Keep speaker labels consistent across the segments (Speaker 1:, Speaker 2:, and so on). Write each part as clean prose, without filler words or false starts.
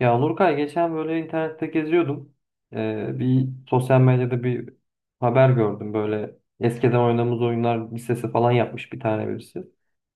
Speaker 1: Ya Nurkay geçen böyle internette geziyordum. Bir sosyal medyada bir haber gördüm böyle eskiden oynadığımız oyunlar listesi falan yapmış bir tane birisi.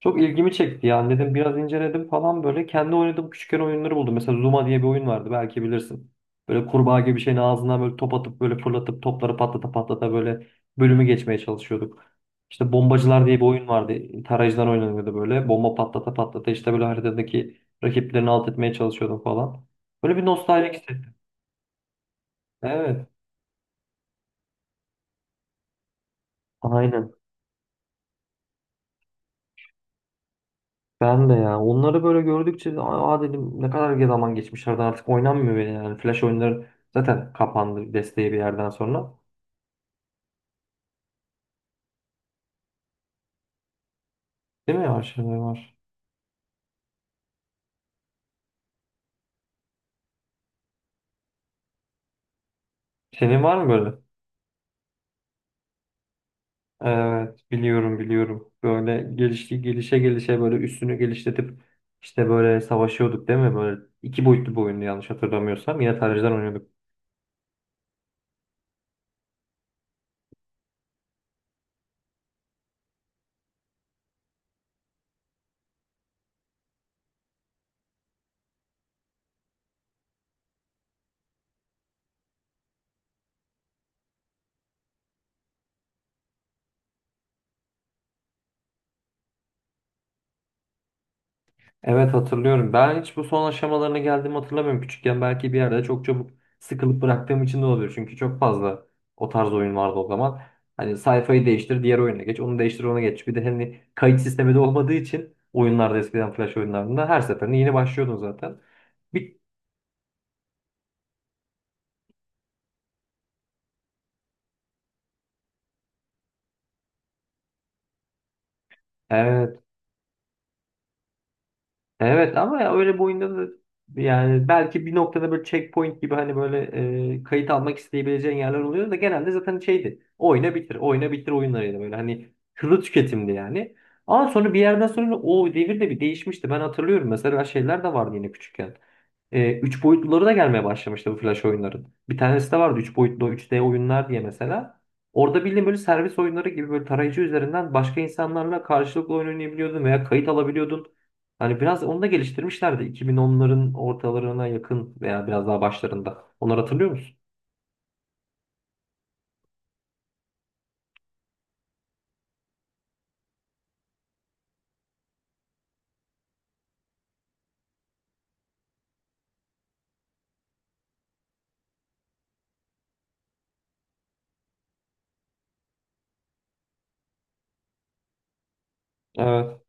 Speaker 1: Çok ilgimi çekti yani dedim biraz inceledim falan böyle kendi oynadığım küçükken oyunları buldum. Mesela Zuma diye bir oyun vardı belki bilirsin. Böyle kurbağa gibi bir şeyin ağzından böyle top atıp böyle fırlatıp topları patlata patlata böyle bölümü geçmeye çalışıyorduk. İşte bombacılar diye bir oyun vardı. Tarayıcıdan oynanıyordu böyle. Bomba patlata patlata işte böyle haritadaki rakiplerini alt etmeye çalışıyordum falan. Böyle bir nostaljik hissettim. Evet. Aynen. Ben de ya. Onları böyle gördükçe de, aa dedim ne kadar zaman geçmişlerden artık oynanmıyor bile yani. Flash oyunları zaten kapandı desteği bir yerden sonra. Değil mi ya? Şeyler var. Senin var mı böyle? Evet. Biliyorum, biliyorum. Böyle gelişti gelişe gelişe böyle üstünü geliştirip işte böyle savaşıyorduk değil mi? Böyle iki boyutlu bir oyundu yanlış hatırlamıyorsam. Yine tarihçiden oynuyorduk. Evet, hatırlıyorum. Ben hiç bu son aşamalarına geldiğimi hatırlamıyorum. Küçükken belki bir yerde çok çabuk sıkılıp bıraktığım için de olabilir. Çünkü çok fazla o tarz oyun vardı o zaman. Hani sayfayı değiştir, diğer oyuna geç, onu değiştir, ona geç. Bir de hani kayıt sistemi de olmadığı için oyunlarda eskiden flash oyunlarında her seferinde yeni başlıyordun zaten. Bir, evet. Evet ama ya öyle bir oyunda da yani belki bir noktada böyle checkpoint gibi hani böyle kayıt almak isteyebileceğin yerler oluyor da genelde zaten şeydi. Oyna bitir, oyna bitir oyunlarıydı böyle hani hızlı tüketimdi yani. Ama sonra bir yerden sonra o devir de bir değişmişti. Ben hatırlıyorum mesela şeyler de vardı yine küçükken. Üç boyutluları da gelmeye başlamıştı bu flash oyunların. Bir tanesi de vardı üç boyutlu üç d oyunlar diye mesela. Orada bildiğin böyle servis oyunları gibi böyle tarayıcı üzerinden başka insanlarla karşılıklı oyun oynayabiliyordun veya kayıt alabiliyordun. Hani biraz onu da geliştirmişlerdi. 2010'ların ortalarına yakın veya biraz daha başlarında. Onları hatırlıyor musun? Evet.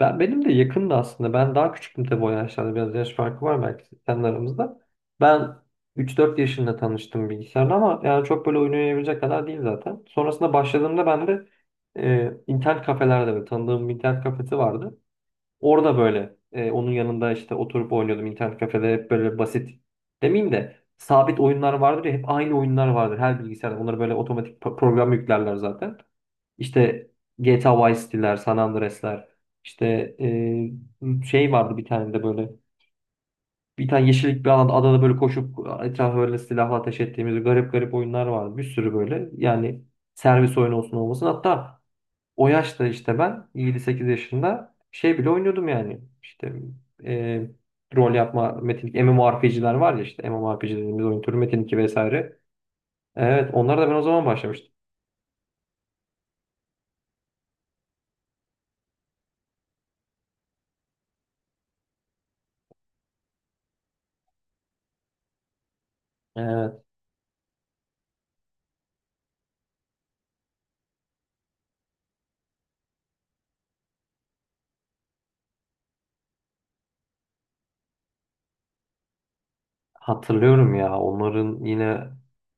Speaker 1: Benim de yakındı aslında. Ben daha küçüktüm tabii o yaşlarda. Biraz yaş farkı var belki senin aramızda. Ben 3-4 yaşında tanıştım bilgisayarla ama yani çok böyle oyun oynayabilecek kadar değil zaten. Sonrasında başladığımda ben de internet kafelerde böyle tanıdığım bir internet kafesi vardı. Orada böyle onun yanında işte oturup oynuyordum internet kafede hep böyle basit demeyeyim de sabit oyunlar vardır ya hep aynı oyunlar vardır her bilgisayarda. Onları böyle otomatik program yüklerler zaten. İşte GTA Vice City'ler, San Andreas'ler işte şey vardı bir tane de böyle bir tane yeşillik bir alanda adada böyle koşup etrafa böyle silahla ateş ettiğimiz garip garip oyunlar vardı. Bir sürü böyle yani servis oyunu olsun olmasın hatta o yaşta işte ben 7-8 yaşında şey bile oynuyordum yani. İşte e, rol yapma metinlik MMORPG'ler var ya işte MMORPG dediğimiz oyun türü Metin 2 vesaire. Evet onlar da ben o zaman başlamıştım. Evet, hatırlıyorum ya onların yine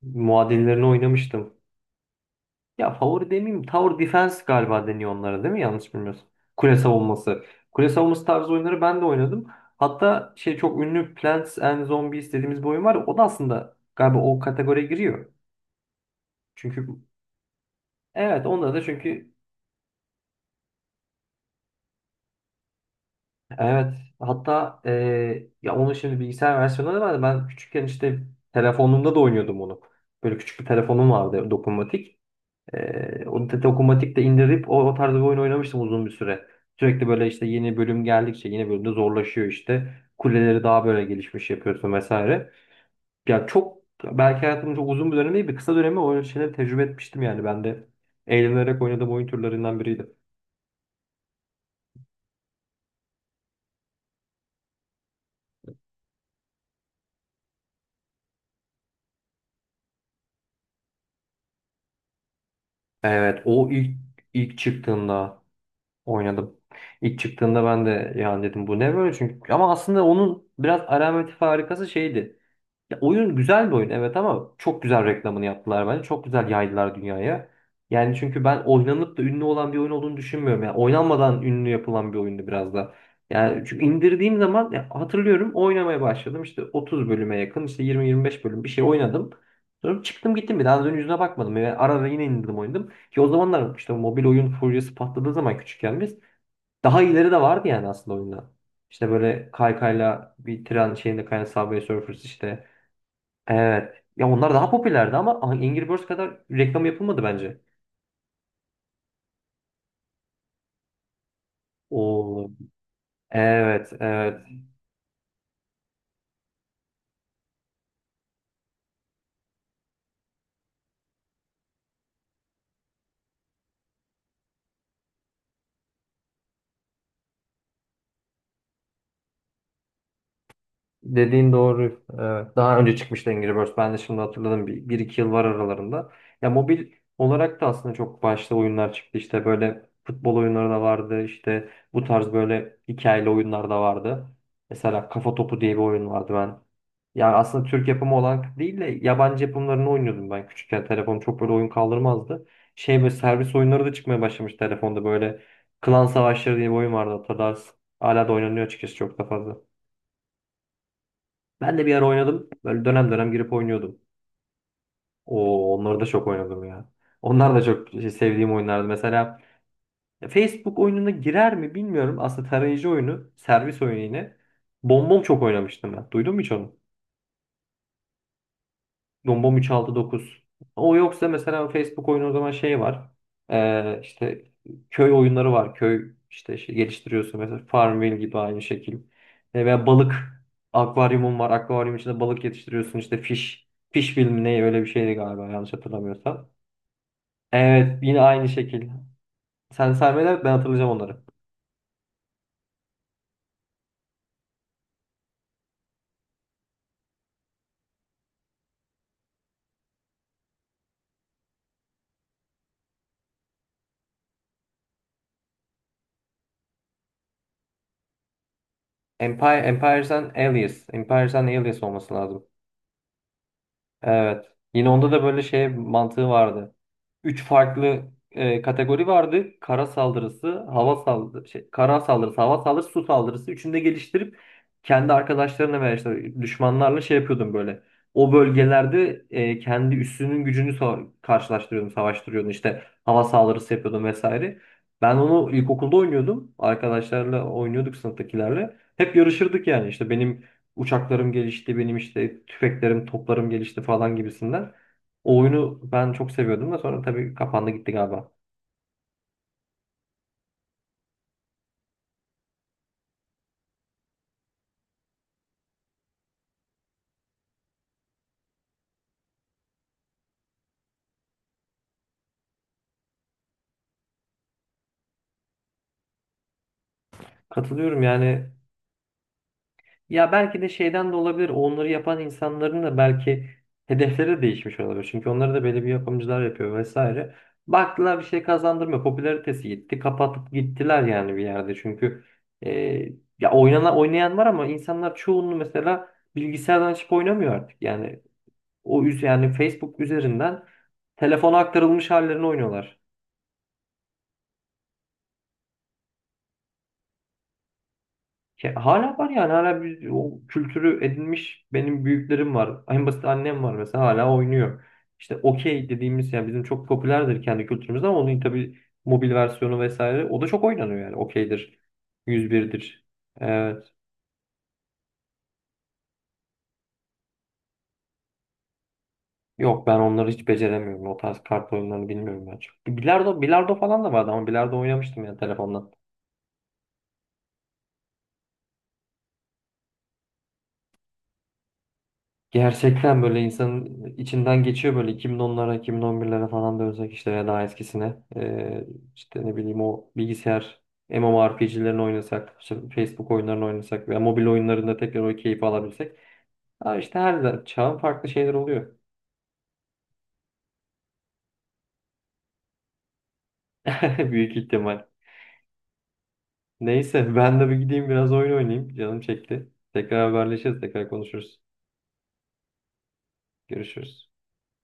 Speaker 1: muadillerini oynamıştım. Ya favori demeyeyim, Tower Defense galiba deniyor onlara değil mi? Yanlış bilmiyorsam. Kule savunması. Kule savunması tarzı oyunları ben de oynadım. Hatta şey çok ünlü Plants and Zombies dediğimiz bir oyun var. O da aslında galiba o kategoriye giriyor. Çünkü evet onda da çünkü evet hatta ya onun şimdi bilgisayar versiyonları vardı. Ben küçükken işte telefonumda da oynuyordum onu. Böyle küçük bir telefonum vardı dokunmatik. Dokunmatik de indirip o tarz bir oyun oynamıştım uzun bir süre. Sürekli böyle işte yeni bölüm geldikçe yeni bölümde zorlaşıyor işte. Kuleleri daha böyle gelişmiş yapıyorsun vesaire. Ya çok belki hayatımın çok uzun bir dönemi değil bir kısa dönemi o şeyleri tecrübe etmiştim yani ben de eğlenerek oynadığım oyun türlerinden biriydi. Evet o ilk çıktığında oynadım. İlk çıktığında ben de yani dedim bu ne böyle çünkü ama aslında onun biraz alameti farikası şeydi. Ya oyun güzel bir oyun evet ama çok güzel reklamını yaptılar bence. Çok güzel yaydılar dünyaya. Yani çünkü ben oynanıp da ünlü olan bir oyun olduğunu düşünmüyorum. Yani oynanmadan ünlü yapılan bir oyundu biraz da. Yani çünkü indirdiğim zaman ya hatırlıyorum oynamaya başladım. İşte 30 bölüme yakın işte 20-25 bölüm bir şey oynadım. Sonra çıktım gittim bir daha dön yüzüne bakmadım. Yani ara ara yine indirdim oynadım. Ki o zamanlar işte mobil oyun furyası patladığı zaman küçükken biz daha ileri de vardı yani aslında oyunda. İşte böyle kaykayla bir tren şeyinde kayan Subway Surfers işte. Evet. Ya onlar daha popülerdi ama Angry Birds kadar reklam yapılmadı bence. Oo. Evet, evet. Dediğin doğru. Evet. Daha önce çıkmıştı Angry Birds. Ben de şimdi hatırladım. Bir iki yıl var aralarında. Ya mobil olarak da aslında çok başta oyunlar çıktı. İşte böyle futbol oyunları da vardı. İşte bu tarz böyle hikayeli oyunlar da vardı. Mesela Kafa Topu diye bir oyun vardı ben. Yani aslında Türk yapımı olan değil de yabancı yapımlarını oynuyordum ben küçükken. Telefon çok böyle oyun kaldırmazdı. Şey böyle servis oyunları da çıkmaya başlamış telefonda böyle. Klan Savaşları diye bir oyun vardı hatırlarsın. Hala da oynanıyor açıkçası çok da fazla. Ben de bir ara oynadım. Böyle dönem dönem girip oynuyordum. Oo, onları da çok oynadım ya. Onlar da çok şey, sevdiğim oyunlardı. Mesela Facebook oyununa girer mi bilmiyorum. Aslında tarayıcı oyunu, servis oyunu yine. Bombom çok oynamıştım ben. Duydun mu hiç onu? Dombom 369. O yoksa mesela Facebook oyunu o zaman şey var. İşte köy oyunları var. Köy işte şey geliştiriyorsun mesela Farmville gibi aynı şekil. Veya balık akvaryumun var. Akvaryum içinde balık yetiştiriyorsun. İşte fish fish film ne öyle bir şeydi galiba yanlış hatırlamıyorsam. Evet yine aynı şekil. Sen saymaya devam et, ben hatırlayacağım onları. Empire, Empires and Aliens. Empires and Aliens olması lazım. Evet. Yine onda da böyle şey mantığı vardı. Üç farklı kategori vardı. Kara saldırısı, hava saldırısı, şey, kara saldırısı, hava saldırısı, su saldırısı. Üçünü de geliştirip kendi arkadaşlarına veya işte düşmanlarla şey yapıyordum böyle. O bölgelerde kendi üssünün gücünü karşılaştırıyordum, savaştırıyordum. İşte hava saldırısı yapıyordum vesaire. Ben onu ilkokulda oynuyordum. Arkadaşlarla oynuyorduk sınıftakilerle. Hep yarışırdık yani. İşte benim uçaklarım gelişti, benim işte tüfeklerim, toplarım gelişti falan gibisinden. O oyunu ben çok seviyordum da sonra tabii kapandı gitti galiba. Katılıyorum yani. Ya belki de şeyden de olabilir. Onları yapan insanların da belki hedefleri de değişmiş olabilir. Çünkü onları da belli bir yapımcılar yapıyor vesaire. Baktılar bir şey kazandırmıyor. Popülaritesi gitti. Kapatıp gittiler yani bir yerde. Çünkü e, ya oynanan oynayan var ama insanlar çoğunluğu mesela bilgisayardan açıp oynamıyor artık. Yani o üz yani Facebook üzerinden telefona aktarılmış hallerini oynuyorlar. Ya hala var yani hala o kültürü edinmiş benim büyüklerim var. En basit annem var mesela hala oynuyor. İşte okey dediğimiz yani bizim çok popülerdir kendi kültürümüzde ama onun tabii mobil versiyonu vesaire o da çok oynanıyor yani okeydir. Yüz birdir. Evet. Yok ben onları hiç beceremiyorum. O tarz kart oyunlarını bilmiyorum ben çok. Bilardo, bilardo falan da vardı ama bilardo oynamıştım yani telefondan. Gerçekten böyle insanın içinden geçiyor böyle 2010'lara, 2011'lere falan dönsek işte ya daha eskisine. İşte ne bileyim o bilgisayar MMORPG'lerini oynasak, işte Facebook oyunlarını oynasak veya mobil oyunlarında tekrar o keyfi alabilsek. Ha işte her çağın farklı şeyler oluyor. Büyük ihtimal. Neyse ben de bir gideyim biraz oyun oynayayım. Canım çekti. Tekrar haberleşiriz, tekrar konuşuruz. Görüşürüz.